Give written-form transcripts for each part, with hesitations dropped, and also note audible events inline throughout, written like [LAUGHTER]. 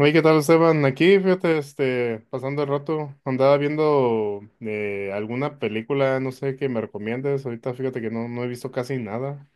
Oye, ¿qué tal, Esteban? Aquí, fíjate, este, pasando el rato, andaba viendo alguna película, no sé, que me recomiendes. Ahorita, fíjate que no he visto casi nada.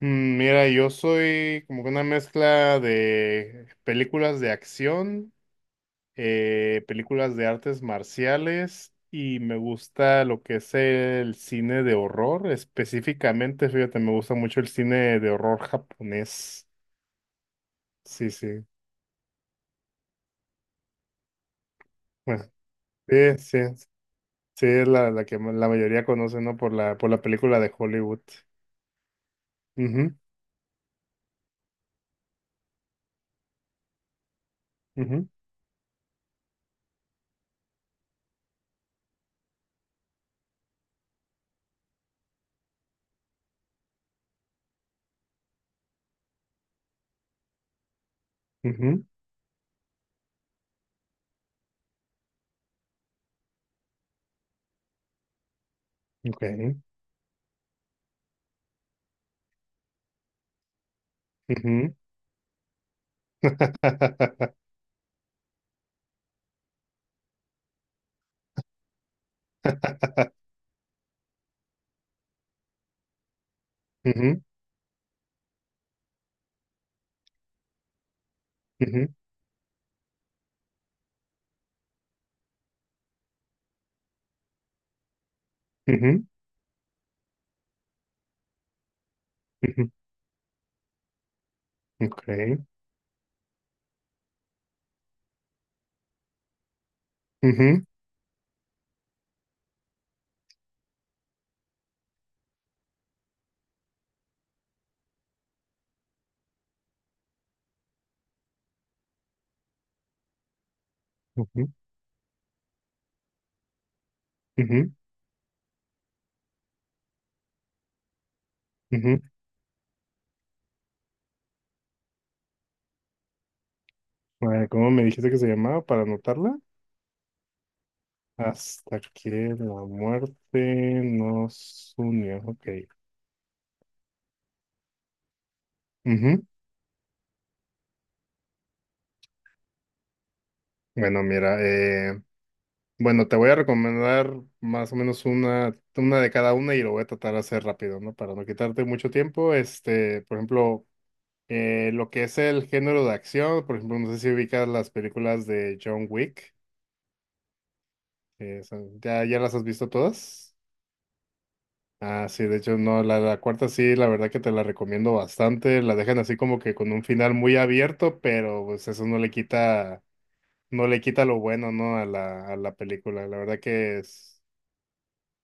Mira, yo soy como que una mezcla de películas de acción, películas de artes marciales y me gusta lo que es el cine de horror. Específicamente, fíjate, me gusta mucho el cine de horror japonés. Sí, sí. Bueno, sí, sí, sí, es la que la mayoría conoce, ¿no? Por la película de Hollywood. Ujú, ujú, ujú, ok, ujú. [LAUGHS] Ujú, ujú, ujú, ujú, ok, ujú, ujú, ujú, ujú. A ver, ¿cómo me dijiste que se llamaba para anotarla? Hasta que la muerte nos unió. Ok. Ujú. Bueno, mira, bueno, te voy a recomendar más o menos una de cada una y lo voy a tratar de hacer rápido, ¿no? Para no quitarte mucho tiempo. Este, por ejemplo, lo que es el género de acción, por ejemplo, no sé si ubicas las películas de John Wick. ¿Ya, ya las has visto todas? Ah, sí, de hecho, no, la cuarta sí, la verdad que te la recomiendo bastante. La dejan así como que con un final muy abierto, pero pues eso no le quita lo bueno, ¿no? A la película. La verdad que es.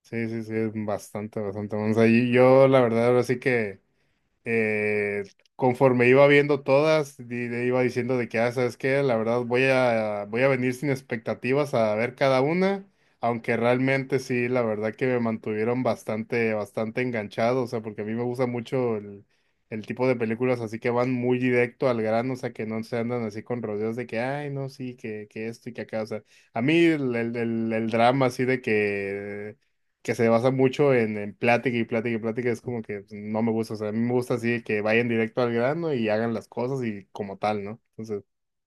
Sí, sí, sí, es bastante, bastante bueno. O sea, y yo la verdad ahora sí que eh, conforme iba viendo todas, le iba diciendo de que, ah, ¿sabes qué? La verdad voy a, voy a venir sin expectativas a ver cada una, aunque realmente sí, la verdad que me mantuvieron bastante, bastante enganchado, o sea, porque a mí me gusta mucho el tipo de películas así que van muy directo al grano, o sea, que no se andan así con rodeos de que, ay, no, sí, que esto y que acá, o sea, a mí el drama así de que se basa mucho en plática y plática y plática, es como que no me gusta. O sea, a mí me gusta así que vayan directo al grano y hagan las cosas y como tal, ¿no? Entonces,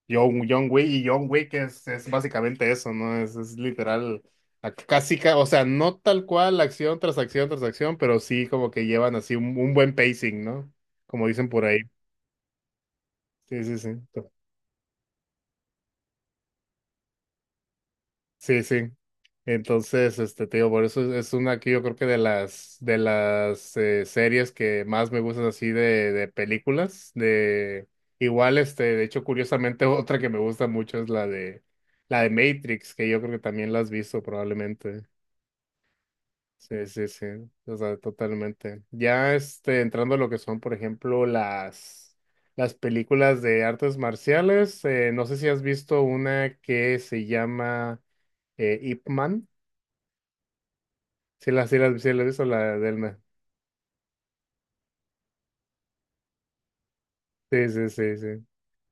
John Wick y John Wick es básicamente eso, ¿no? Es literal, o sea, no tal cual acción tras acción tras acción, pero sí como que llevan así un buen pacing, ¿no? Como dicen por ahí. Sí, sí, sí. Sí, sí. Entonces, este, te digo, por eso es una que yo creo que de las series que más me gustan así de películas, de igual, este, de hecho, curiosamente, [LAUGHS] otra que me gusta mucho es la de Matrix, que yo creo que también la has visto probablemente. Sí, sí, sí, o sea, totalmente. Ya, este, entrando a lo que son, por ejemplo, las películas de artes marciales, no sé si has visto una que se llama Ip Man. Sí, la, sí, la, sí, la he visto, la de Elmer. Sí, sí, sí, sí.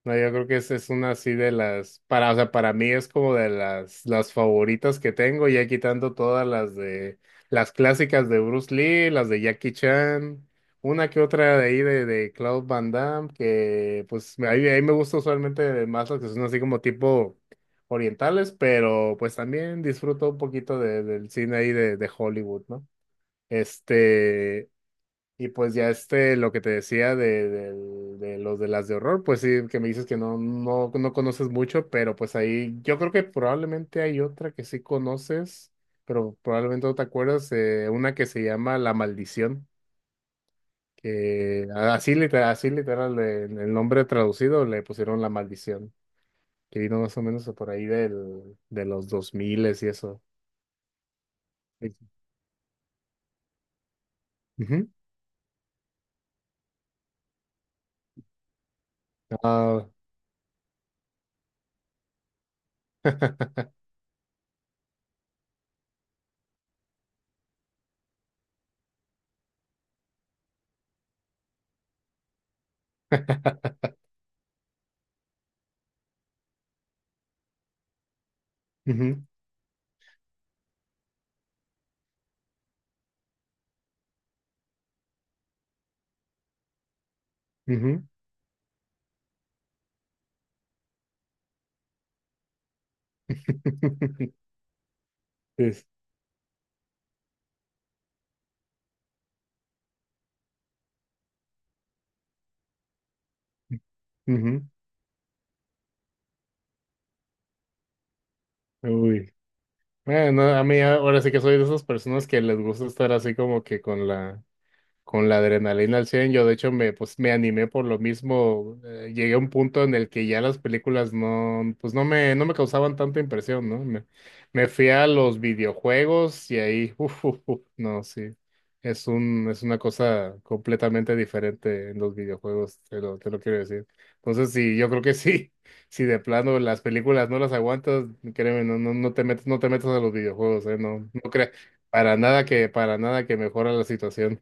No, yo creo que esa es una así de las, para, o sea, para mí es como de las favoritas que tengo, ya quitando todas las clásicas de Bruce Lee, las de Jackie Chan, una que otra de ahí de Claude Van Damme, que pues ahí, ahí me gusta usualmente más las que son así como tipo orientales, pero pues también disfruto un poquito del cine ahí de Hollywood, ¿no? Este, y pues ya este, lo que te decía de las de horror, pues sí, que me dices que no conoces mucho, pero pues ahí yo creo que probablemente hay otra que sí conoces, pero probablemente no te acuerdas, una que se llama La Maldición, que así literal, en el nombre traducido le pusieron La Maldición, que vino más o menos por ahí de los 2000 y eso. Ujú. Ah. [LAUGHS] Ujú, ujú. [LAUGHS] Sí, ujú. Uy. Bueno, a mí ahora sí que soy de esas personas que les gusta estar así como que con la adrenalina al cien. Yo de hecho me, pues, me animé por lo mismo. Llegué a un punto en el que ya las películas no, pues no me causaban tanta impresión, ¿no? Me fui a los videojuegos y ahí, [LAUGHS] uf, uf, uf, no, sí. Es un, es una cosa completamente diferente en los videojuegos, te lo quiero decir. Entonces, sí, yo creo que sí, [LAUGHS] si de plano las películas no las aguantas, créeme, no te metes, no te metas a los videojuegos, ¿eh? No, no creas, para nada que mejora la situación.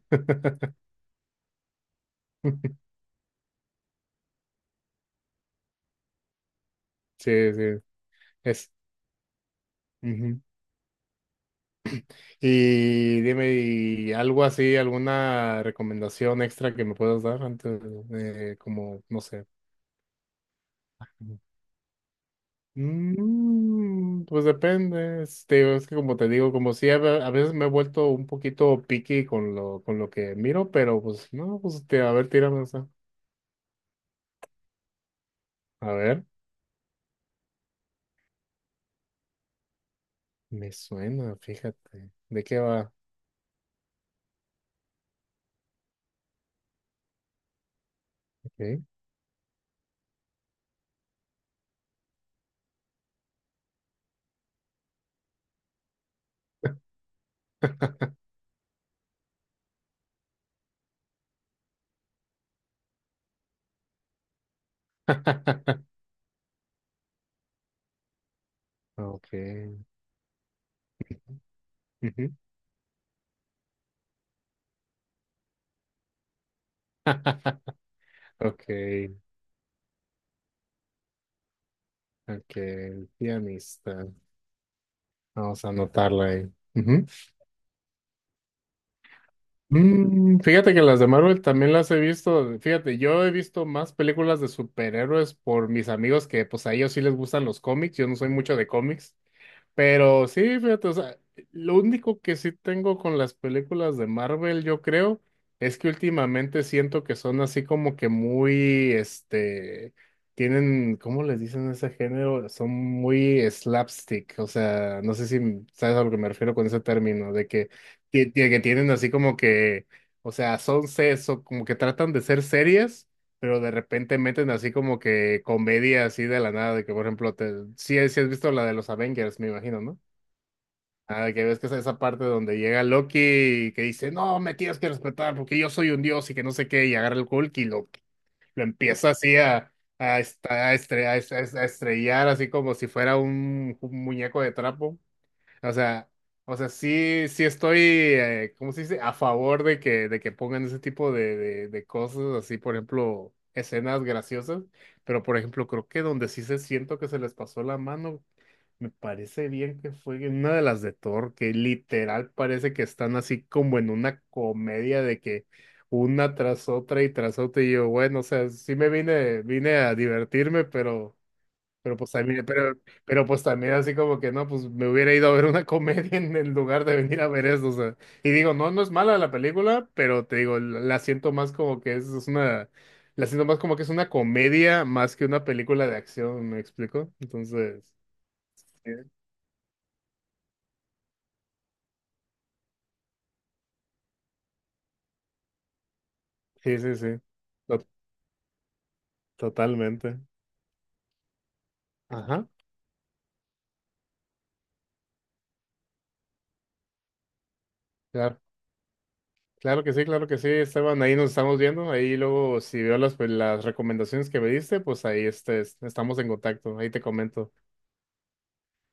Sí, sí, es. Ujú. Y dime, ¿y algo así, alguna recomendación extra que me puedas dar antes de, como, no sé? Ujú. Mm, pues depende, este, es que como te digo, como si a, a veces me he vuelto un poquito picky con lo que miro, pero pues no, pues este, a ver, tírame esa. A ver, me suena, fíjate, ¿de qué va? Ok. [LAUGHS] Ok. Ujú. [LAUGHS] Ok. Ok, sí, amistad. Vamos a anotarla ahí. Ujú. Mm, fíjate que las de Marvel también las he visto. Fíjate, yo he visto más películas de superhéroes por mis amigos que pues a ellos sí les gustan los cómics. Yo no soy mucho de cómics. Pero sí, fíjate, o sea, lo único que sí tengo con las películas de Marvel, yo creo, es que últimamente siento que son así como que muy, este, tienen, ¿cómo les dicen ese género? Son muy slapstick, o sea, no sé si sabes a lo que me refiero con ese término, de que tienen así como que, o sea, son sesos, como que tratan de ser series, pero de repente meten así como que comedia así de la nada, de que por ejemplo, sí, sí has visto la de los Avengers, me imagino, ¿no? Ah, de que ves que es esa parte donde llega Loki y que dice, no, me tienes que respetar porque yo soy un dios y que no sé qué, y agarra el Hulk y lo empieza así a, est- a estre- a est- a estrellar así como si fuera un muñeco de trapo. O sea, o sea, sí, sí estoy, ¿cómo se dice? A favor de que pongan ese tipo de cosas, así, por ejemplo, escenas graciosas, pero por ejemplo, creo que donde sí se siento que se les pasó la mano, me parece bien que fue en una de las de Thor, que literal parece que están así como en una comedia de que una tras otra, y yo, bueno, o sea, sí me vine, vine a divertirme, pero... Pero pues también, pero, pero pues también así como que no, pues me hubiera ido a ver una [LAUGHS] comedia en el lugar de venir a ver eso, o sea. Y digo, no, no es mala la película, pero te digo, la siento más como que es una, la siento más como que es una comedia más que una película de acción, ¿me explico? Entonces, sí, sí, sí, to- totalmente. Ajá, claro, claro que sí, Esteban, ahí nos estamos viendo, ahí luego si veo las, pues, las recomendaciones que me diste, pues ahí este, estamos en contacto, ahí te comento.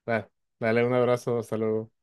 Va, dale un abrazo, hasta luego.